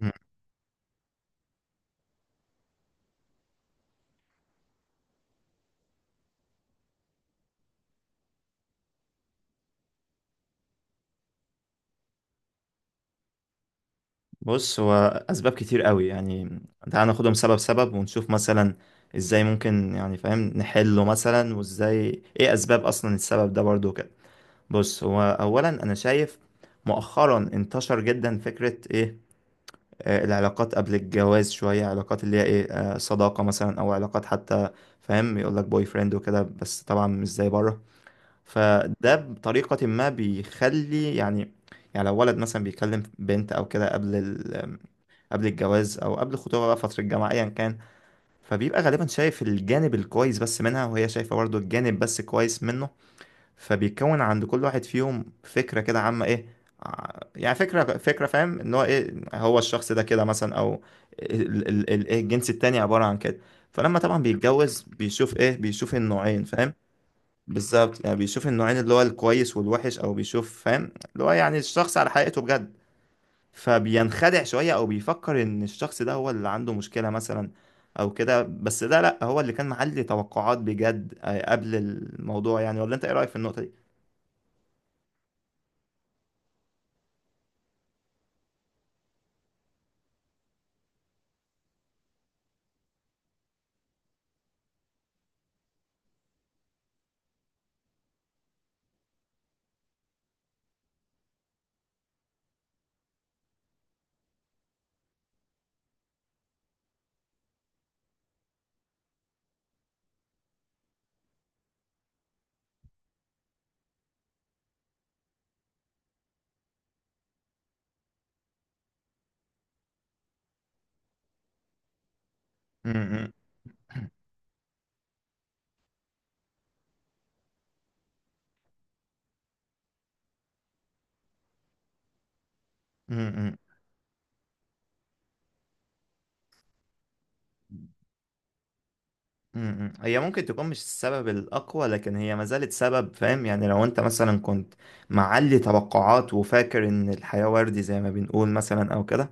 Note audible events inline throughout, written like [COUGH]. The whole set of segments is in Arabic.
مم. بص هو اسباب كتير قوي يعني. تعال ناخدهم سبب سبب ونشوف مثلا ازاي ممكن يعني فاهم نحله مثلا، وازاي ايه اسباب، اصلا السبب ده برضو كده. بص هو اولا انا شايف مؤخرا انتشر جدا فكرة ايه آه، العلاقات قبل الجواز، شوية علاقات اللي هي ايه آه، صداقة مثلا او علاقات حتى. فاهم، يقول لك بوي فريند وكده، بس طبعا مش زي بره. فده بطريقة ما بيخلي يعني، يعني لو ولد مثلا بيكلم بنت او كده قبل، قبل الجواز او قبل الخطوبه، بقى فتره الجامعه ايا كان. فبيبقى غالبا شايف الجانب الكويس بس منها، وهي شايفه برضو الجانب بس كويس منه. فبيكون عند كل واحد فيهم فكره كده عامه ايه، يعني فكره فاهم ان هو ايه، هو الشخص ده كده مثلا، او إيه الجنس التاني عباره عن كده. فلما طبعا بيتجوز بيشوف ايه، بيشوف النوعين، فاهم. بالظبط يعني بيشوف النوعين اللي هو الكويس والوحش، او بيشوف فاهم اللي هو يعني الشخص على حقيقته بجد. فبينخدع شوية، أو بيفكر إن الشخص ده هو اللي عنده مشكلة مثلا أو كده، بس ده لأ، هو اللي كان معلي توقعات بجد آه، قبل الموضوع يعني. ولا أنت إيه رأيك في النقطة دي؟ م- م- م- م- م. هي ممكن تكون مش السبب الأقوى، لكن هي ما زالت سبب. فاهم يعني لو أنت مثلا كنت معلي توقعات وفاكر إن الحياة وردي زي ما بنقول مثلا أو كده،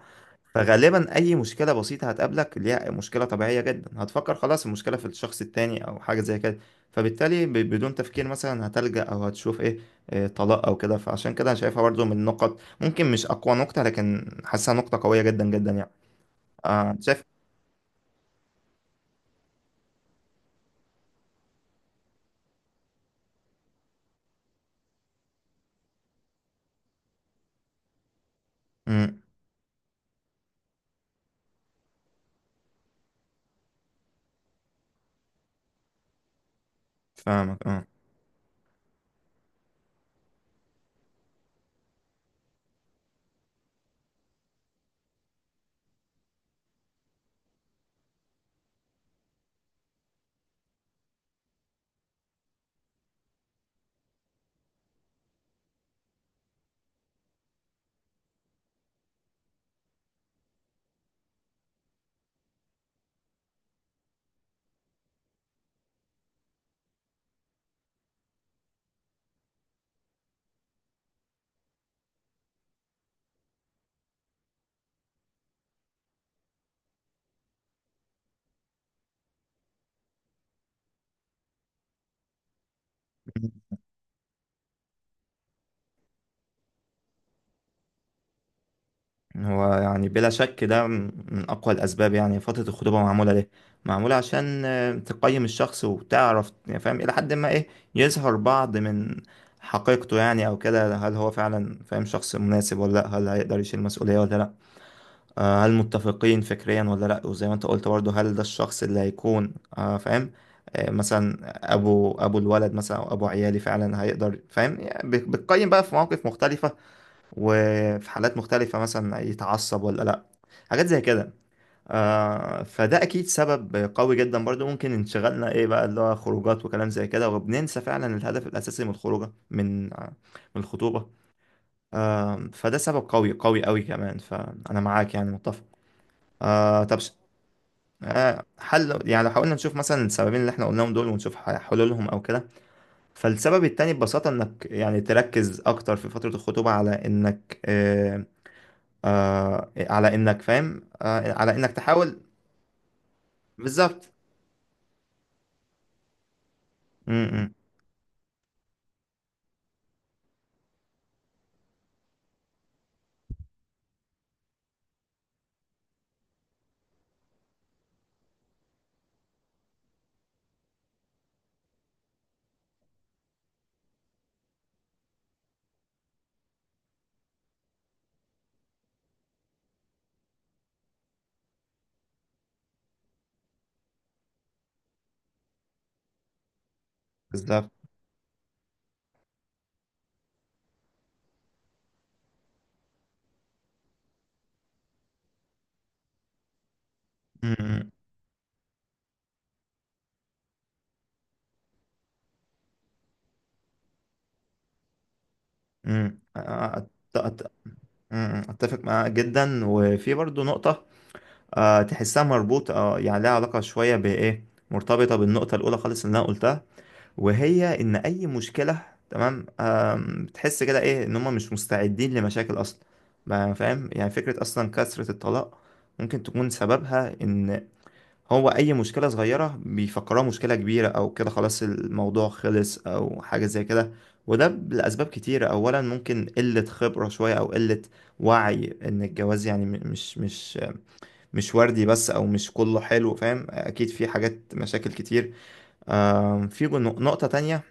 فغالبا اي مشكله بسيطه هتقابلك ليها، مشكله طبيعيه جدا، هتفكر خلاص المشكله في الشخص التاني او حاجه زي كده. فبالتالي بدون تفكير مثلا هتلجأ او هتشوف ايه، إيه، طلاق او كده. فعشان كده انا شايفها برضو من النقط، ممكن مش اقوى نقطه، لكن حاسسها نقطه قويه جدا جدا يعني. آه شايف. امم. فاهمك اه. هو يعني بلا شك ده من أقوى الأسباب. يعني فترة الخطوبة معمولة ليه؟ معمولة عشان آه، تقيم الشخص وتعرف يعني فاهم إلى حد ما إيه، يظهر بعض من حقيقته يعني أو كده. هل هو فعلا فاهم شخص مناسب ولا لأ، هل هيقدر يشيل مسؤولية ولا لأ، آه، هل متفقين فكريا ولا لأ. وزي ما أنت قلت برضه، هل ده الشخص اللي هيكون آه، فاهم آه، مثلا أبو الولد مثلا أو أبو عيالي فعلا، هيقدر فاهم يعني. بتقيم بقى في مواقف مختلفة وفي حالات مختلفة، مثلا يتعصب ولا لأ، حاجات زي كده. آه فده أكيد سبب قوي جدا برضو. ممكن انشغالنا إيه بقى، اللي هو خروجات وكلام زي كده، وبننسى فعلا الهدف الأساسي من الخروجة من آه، من الخطوبة. آه فده سبب قوي قوي قوي كمان، فأنا معاك يعني متفق. آه طب ش- آه حل، يعني لو حاولنا نشوف مثلا السببين اللي احنا قلناهم دول، ونشوف حلولهم أو كده. فالسبب التاني ببساطة إنك يعني تركز أكتر في فترة الخطوبة على إنك آه، على انك فاهم على انك تحاول. بالظبط. م- م، بالظبط. م- م- م. آه، أت- أت- م- م. اتفق معاك جدا. وفي برضو نقطة آه تحسها مربوطة آه، يعني لها علاقة شوية بإيه، مرتبطة بالنقطة الأولى خالص اللي أنا قلتها. وهي إن أي مشكلة، تمام آم، بتحس كده إيه، إن هما مش مستعدين لمشاكل أصلا. ما فاهم يعني، فكرة أصلا كثرة الطلاق ممكن تكون سببها إن هو اي مشكله صغيره بيفكروها مشكله كبيره او كده، خلاص الموضوع خلص او حاجه زي كده. وده لاسباب كتيره. اولا ممكن قله خبره شويه، او قله وعي ان الجواز يعني مش مش وردي بس، او مش كله حلو. فاهم، اكيد في حاجات مشاكل كتير. آم، في نقطه تانية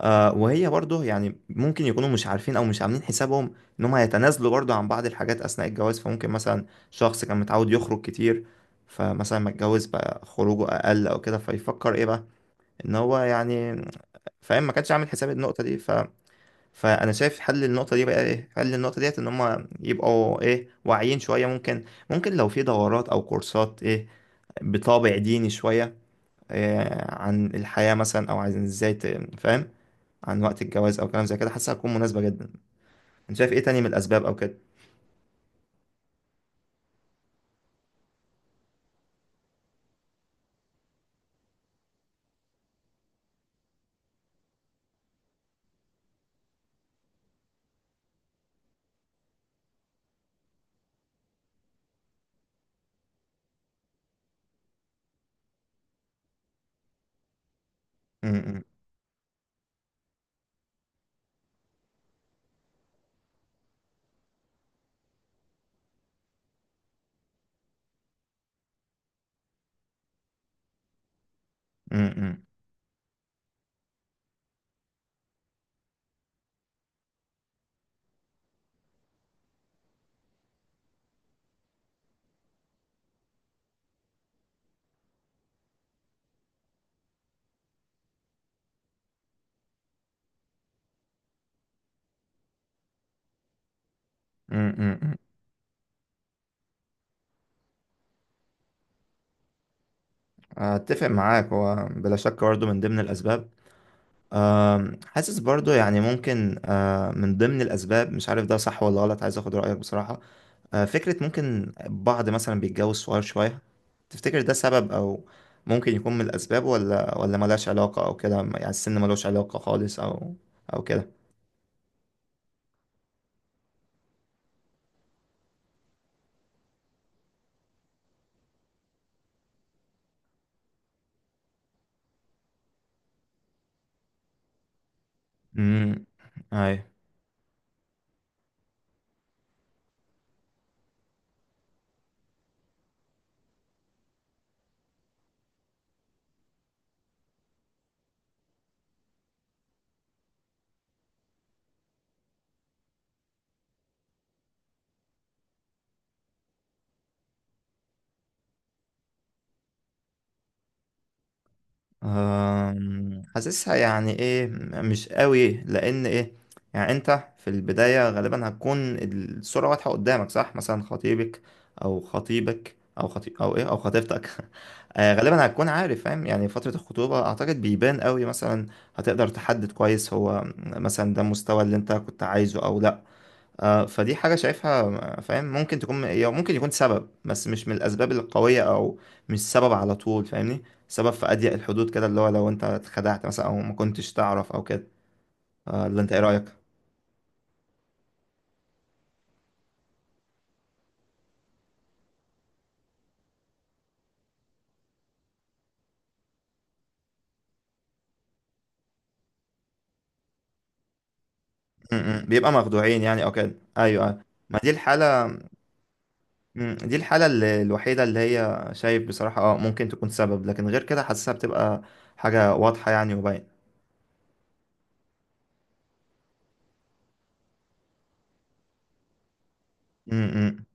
آه، وهي برضه يعني ممكن يكونوا مش عارفين او مش عاملين حسابهم ان هم هيتنازلوا برضه عن بعض الحاجات اثناء الجواز. فممكن مثلا شخص كان متعود يخرج كتير، فمثلا ما اتجوز بقى خروجه اقل او كده، فيفكر ايه بقى ان هو يعني فاهم ما كانش عامل حساب النقطة دي ف... فانا شايف حل النقطة دي بقى ايه. حل النقطة ديت ان هم يبقوا ايه، واعيين شوية. ممكن، ممكن لو في دورات او كورسات ايه بطابع ديني شوية إيه، عن الحياة مثلا، أو عن إزاي فاهم عن وقت الجواز او كلام زي كده، حاسسها هتكون مناسبه جدا. انت شايف ايه تاني من الاسباب او كده؟ امم. امم. امم. اتفق معاك، هو بلا شك برضه من ضمن الاسباب. أم، حاسس برضو يعني ممكن آه، من ضمن الأسباب، مش عارف ده صح ولا غلط، عايز أخد رأيك بصراحة. آه، فكرة ممكن بعض مثلا بيتجوز صغير شوية، تفتكر ده سبب، أو ممكن يكون من الأسباب، ولا ملهاش علاقة أو كده؟ يعني السن ملوش علاقة خالص أو أو كده. امم. أم، حاسسها يعني ايه، مش قوي، لان ايه، يعني انت في البداية غالبا هتكون الصورة واضحة قدامك، صح؟ مثلا خطيبك او خطيبك او خطي او ايه او خطيبتك [LAUGHS] آه، غالبا هتكون عارف فاهم يعني. فترة الخطوبة اعتقد بيبان قوي مثلا، هتقدر تحدد كويس هو مثلا ده المستوى اللي انت كنت عايزه او لا. آه، فدي حاجة شايفها آه، فاهم ممكن تكون هي، ممكن يكون سبب بس مش من الأسباب القوية، أو مش سبب على طول فاهمني. سبب في أضيق الحدود كده، اللي هو لو أنت اتخدعت مثلا أو ما كنتش تعرف أو كده. آه، اللي أنت إيه رأيك؟ م- م. بيبقى مخدوعين يعني أو كده. أيوه أيوه. ما دي الحالة، دي الحالة اللي الوحيدة اللي هي شايف بصراحة أه ممكن تكون سبب، لكن غير كده حاسسها بتبقى حاجة واضحة يعني وباينة. م- م.